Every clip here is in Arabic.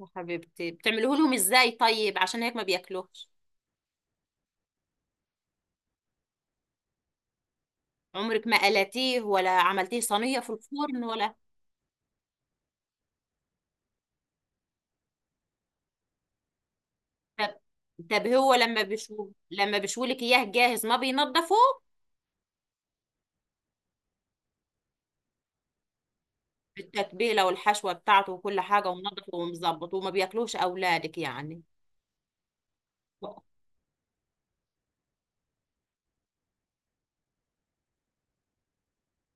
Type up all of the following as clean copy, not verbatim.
يا حبيبتي، بتعملوه لهم ازاي؟ طيب عشان هيك ما بياكلوش. عمرك ما قلتيه ولا عملتيه صينية في الفرن ولا طب طب هو لما بيشوي، لما بيشويلك اياه جاهز ما بينضفوه بالتتبيلة والحشوة بتاعته وكل حاجة، ومنضفه ومظبط وما بياكلوش اولادك يعني؟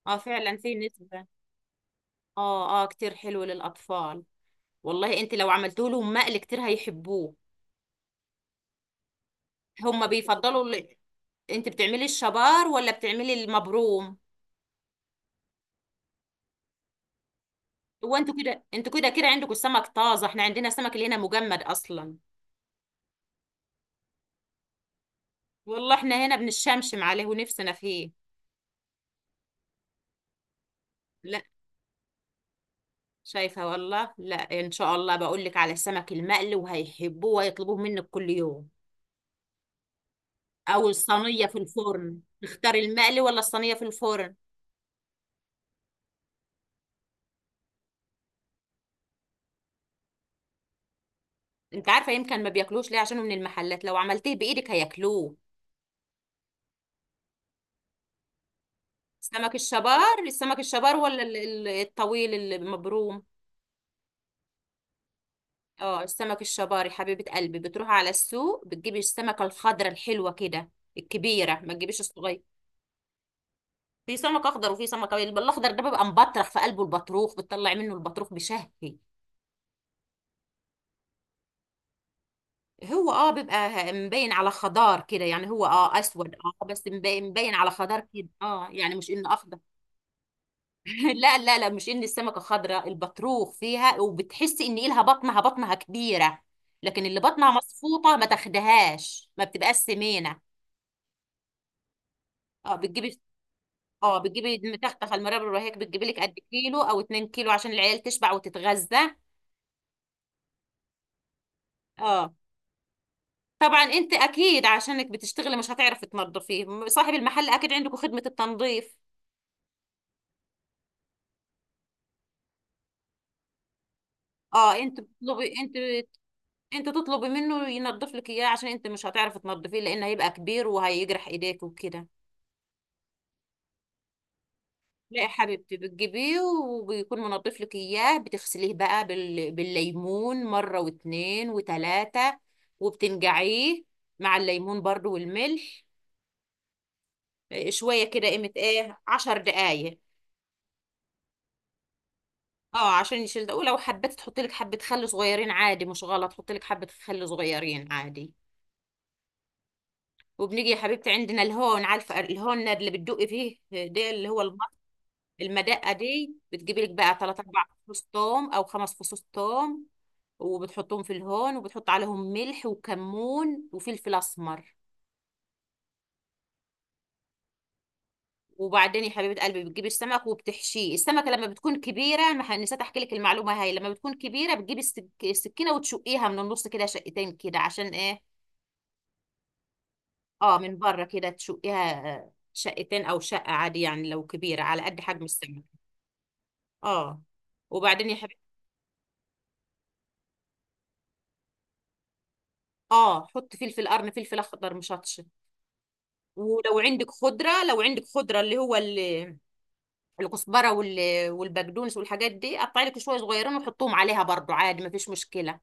اه فعلا في نسبة، اه اه كتير حلو للاطفال. والله انت لو عملتوا لهم مقلي كتير هيحبوه. هم بيفضلوا انت بتعملي الشبار ولا بتعملي المبروم؟ هو انتوا كده، انتوا كده عندكم السمك طازه، احنا عندنا السمك اللي هنا مجمد اصلا. والله احنا هنا بنشمشم عليه ونفسنا فيه. لا، شايفه والله؟ لا ان شاء الله، بقول لك على السمك المقلي وهيحبوه وهيطلبوه منك كل يوم. او الصينيه في الفرن، تختار المقلي ولا الصينيه في الفرن؟ انت عارفه يمكن ما بياكلوش ليه؟ عشان هو من المحلات، لو عملتيه بايدك هياكلوه. سمك الشبار، السمك الشبار ولا الطويل المبروم؟ اه السمك الشباري حبيبة قلبي، بتروح على السوق، بتجيبي السمكة الخضرة الحلوة كده، الكبيرة، ما تجيبيش الصغير. في سمك أخضر وفي سمك أبيض، الأخضر ده بيبقى مبطرخ في قلبه، البطروخ بتطلع منه، البطروخ بشهي. هو اه بيبقى مبين على خضار كده يعني، هو اه أسود، اه بس مبين على خضار كده اه، يعني مش إنه أخضر. لا، مش إن السمكة خضراء، البطروخ فيها، وبتحسي إن إلها بطنها كبيرة. لكن اللي بطنها مصفوطة ما تاخدهاش، ما بتبقاش سمينة. اه بتجيبي، اه بتجيبي تخته المربى الرهيق، بتجيبي لك قد كيلو او 2 كيلو عشان العيال تشبع وتتغذى. اه طبعا انت اكيد، عشانك بتشتغلي مش هتعرفي تنظفيه، صاحب المحل اكيد عندكم خدمة التنظيف. اه انت بتطلبي انت، انت تطلبي منه ينظف لك اياه، عشان انت مش هتعرفي تنظفيه لان هيبقى كبير وهيجرح ايديك وكده. لا يا حبيبتي، بتجيبيه وبيكون منظف لك اياه، بتغسليه بقى بالليمون مرة واتنين وتلاتة، وبتنقعيه مع الليمون برضو والملح شويه كده، قيمه ايه، عشر دقايق. اه عشان يشيل ده، ولو حبيت تحط لك حبه خل صغيرين عادي مش غلط، حط لك حبه خل صغيرين عادي. وبنيجي يا حبيبتي عندنا الهون، عارفه الهون اللي بتدقي فيه ده، اللي هو المدقه دي، بتجيبي لك بقى 3 4 فصوص توم او خمس فصوص توم، وبتحطهم في الهون وبتحط عليهم ملح وكمون وفلفل اسمر. وبعدين يا حبيبة قلبي بتجيبي السمك وبتحشيه، السمكة لما بتكون كبيرة ما نسيت احكي لك المعلومة هاي، لما بتكون كبيرة بتجيبي السكينة وتشقيها من النص كده شقتين كده، عشان ايه؟ اه من بره كده تشقيها، شقتين او شقة عادي يعني لو كبيرة على قد حجم السمك. اه وبعدين يا حبيبة، اه حط فلفل، قرن فلفل اخضر مشطشط. ولو عندك خضرة، لو عندك خضرة اللي هو الكزبرة والبقدونس والحاجات دي، قطعي لك شوية صغيرين وحطهم عليها برضو عادي، ما فيش مشكلة.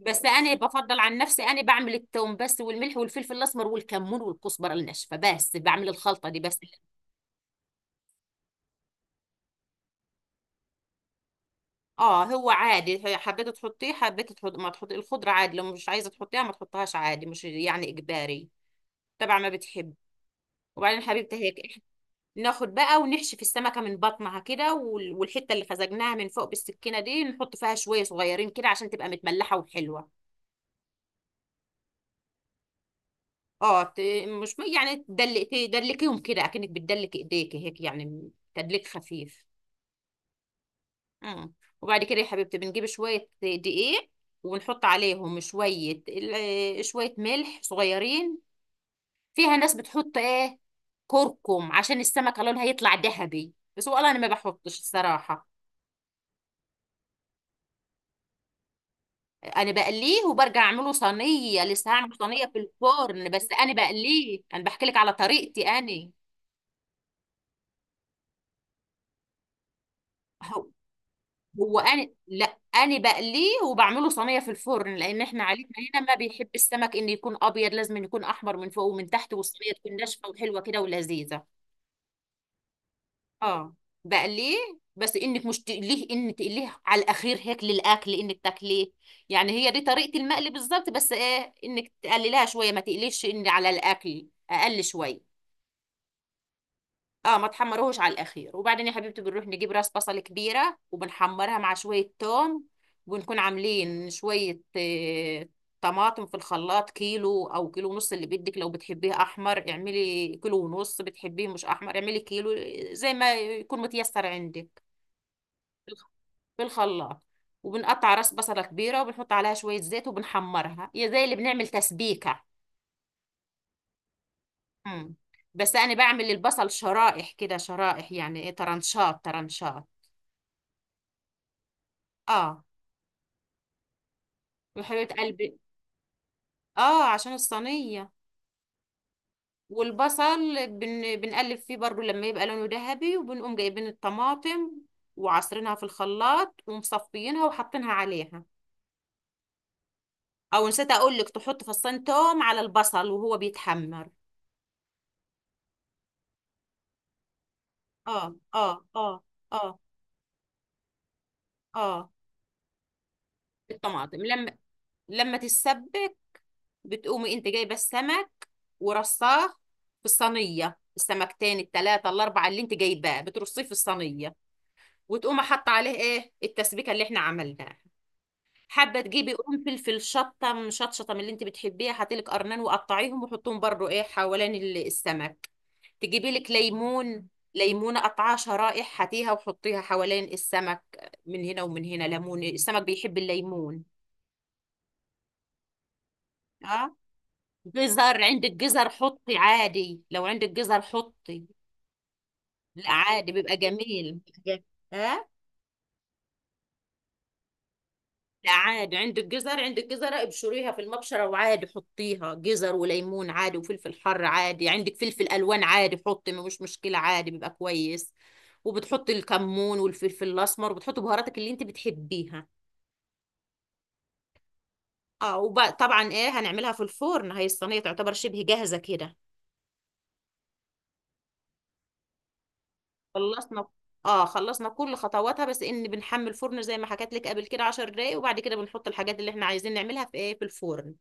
بس انا بفضل عن نفسي، انا بعمل التوم بس، والملح والفلفل الاسمر والكمون والكزبره الناشفه بس، بعمل الخلطه دي بس. اه هو عادي، حبيت تحطيه، حبيت تحط ما تحطي الخضره عادي، لو مش عايزه تحطيها ما تحطهاش عادي، مش يعني اجباري، تبع ما بتحب. وبعدين حبيبتي هيك ناخد بقى ونحشي في السمكه من بطنها كده، والحته اللي خزجناها من فوق بالسكينه دي نحط فيها شويه صغيرين كده عشان تبقى متملحه وحلوه. اه مش يعني تدلقي، تدلكيهم كده اكنك بتدلك ايديك هيك، يعني تدليك خفيف. اه وبعد كده يا حبيبتي بنجيب شوية دقيق ونحط عليهم شوية شوية ملح صغيرين. فيها ناس بتحط ايه كركم عشان السمكة لونها يطلع ذهبي، بس والله انا ما بحطش الصراحة. انا بقليه وبرجع اعمله صينية، لسه هعمل صينية في الفرن، بس انا بقليه، انا بحكي لك على طريقتي انا. هو انا لا، انا بقليه وبعمله صينيه في الفرن، لان احنا عائلتنا هنا ما بيحب السمك ان يكون ابيض، لازم إن يكون احمر من فوق ومن تحت، والصينيه تكون ناشفه وحلوه كده ولذيذه. اه بقليه، بس انك مش تقليه ان تقليه على الاخير هيك للاكل انك تاكليه، يعني هي دي طريقه المقلي بالظبط، بس ايه انك تقللها شويه، ما تقليش ان على الاكل، اقل شويه. اه ما تحمروهوش على الاخير. وبعدين يا حبيبتي بنروح نجيب راس بصل كبيره وبنحمرها مع شويه توم، وبنكون عاملين شويه طماطم في الخلاط، كيلو او كيلو ونص اللي بدك، لو بتحبيه احمر اعملي كيلو ونص، بتحبيه مش احمر اعملي كيلو، زي ما يكون متيسر عندك، في الخلاط. وبنقطع راس بصلة كبيرة وبنحط عليها شوية زيت وبنحمرها، هي زي اللي بنعمل تسبيكة. مم. بس أنا بعمل البصل شرائح كده، شرائح يعني إيه، ترنشات ترنشات. اه وحلوة قلب. اه عشان الصينية. والبصل بنقلب فيه برضو لما يبقى لونه ذهبي، وبنقوم جايبين الطماطم وعصرينها في الخلاط ومصفيينها وحاطينها عليها. او نسيت اقول لك تحط فصين توم على البصل وهو بيتحمر. اه اه اه. الطماطم لما، لما تتسبك بتقومي انت جايبه السمك ورصاه في الصينيه، السمكتين التلاتة الاربعه اللي انت جايباه بترصيه في الصينيه، وتقوم حاطه عليه ايه، التسبيكه اللي احنا عملناها. حابه تجيبي قرنفل، فلفل شطه من شطشطه، من اللي انت بتحبيها حطي لك قرنان وقطعيهم وحطهم برضو ايه حوالين السمك. تجيبي لك ليمون، ليمونه قطعها شرائح هاتيها وحطيها حوالين السمك من هنا ومن هنا، ليمون، السمك بيحب الليمون. اه جزر، عندك جزر حطي عادي، لو عندك جزر حطي. لا عادي بيبقى جميل. ها لا عادي، عندك جزر، عندك جزر ابشريها في المبشرة وعادي حطيها، جزر وليمون عادي، وفلفل حر عادي، عندك فلفل ألوان عادي حطي، مش مشكلة، عادي بيبقى كويس. وبتحطي الكمون والفلفل الأسمر وبتحطي بهاراتك اللي انت بتحبيها. اه وطبعا ايه، هنعملها في الفرن، هي الصينية تعتبر شبه جاهزة كده. خلصنا، اه خلصنا كل خطواتها، بس ان بنحمي الفرن زي ما حكيت لك قبل كده 10 دقايق، وبعد كده بنحط الحاجات اللي احنا عايزين نعملها في ايه، في الفرن.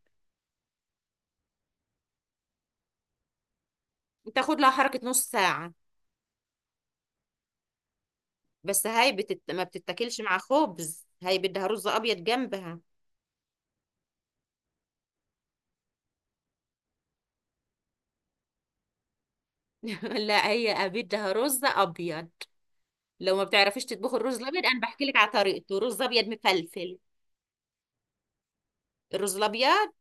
تاخد لها حركة نص ساعة، بس هاي ما بتتاكلش مع خبز، هاي بدها رز ابيض جنبها. لا هي بدها رز ابيض، لو ما بتعرفيش تطبخي الرز الابيض انا بحكي لك على طريقته، رز ابيض مفلفل. الرز الابيض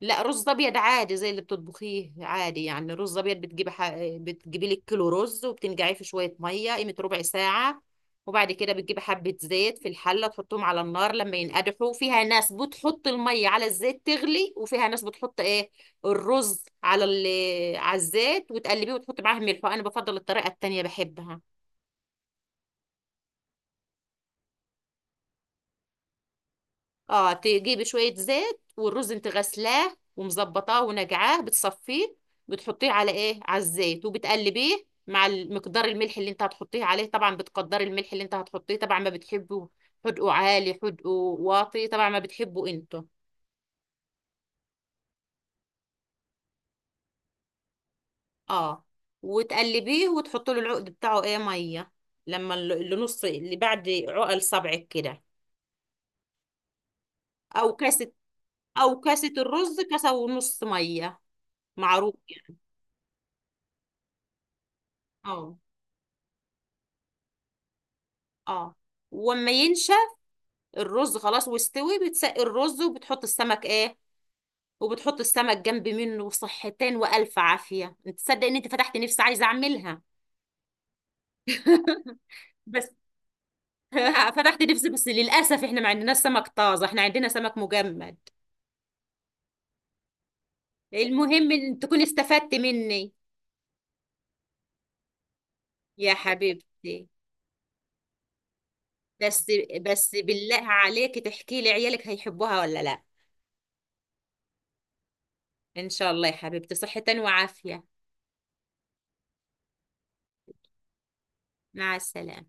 لا رز ابيض عادي زي اللي بتطبخيه عادي، يعني رز ابيض، بتجيبي بتجيبي لك كيلو رز وبتنقعيه في شويه ميه، قيمه ربع ساعه. وبعد كده بتجيبي حبه زيت في الحله تحطهم على النار لما ينقدحوا، فيها ناس بتحط الميه على الزيت تغلي، وفيها ناس بتحط ايه الرز على على الزيت وتقلبيه وتحط معاه ملح، وانا بفضل الطريقه التانيه بحبها. اه تجيبي شوية زيت، والرز انت غسلاه ومظبطاه ونقعاه بتصفيه، بتحطيه على ايه، على الزيت وبتقلبيه مع مقدار الملح اللي انت هتحطيه عليه، طبعا بتقدري الملح اللي انت هتحطيه طبعا، ما بتحبه حدقه عالي حدقه واطي، طبعا ما بتحبه انتوا. اه وتقلبيه وتحطي له العقد بتاعه ايه، ميه، لما اللي نص اللي بعد عقل صبعك كده، او كاسة، او كاسة الرز كاسة ونص ميه، معروف يعني. اه اه وما ينشف الرز خلاص واستوي، بتسقي الرز وبتحط السمك ايه، وبتحط السمك جنب منه، صحتين والف عافيه، انت تصدق ان انت فتحت نفسي عايزه اعملها؟ بس. فتحت نفسي، بس للاسف احنا ما عندناش سمك طازه، احنا عندنا سمك مجمد. المهم ان تكون استفدت مني يا حبيبتي. بس بس بالله عليك تحكي لي عيالك هيحبوها ولا لا. ان شاء الله يا حبيبتي، صحة وعافية. مع السلامة.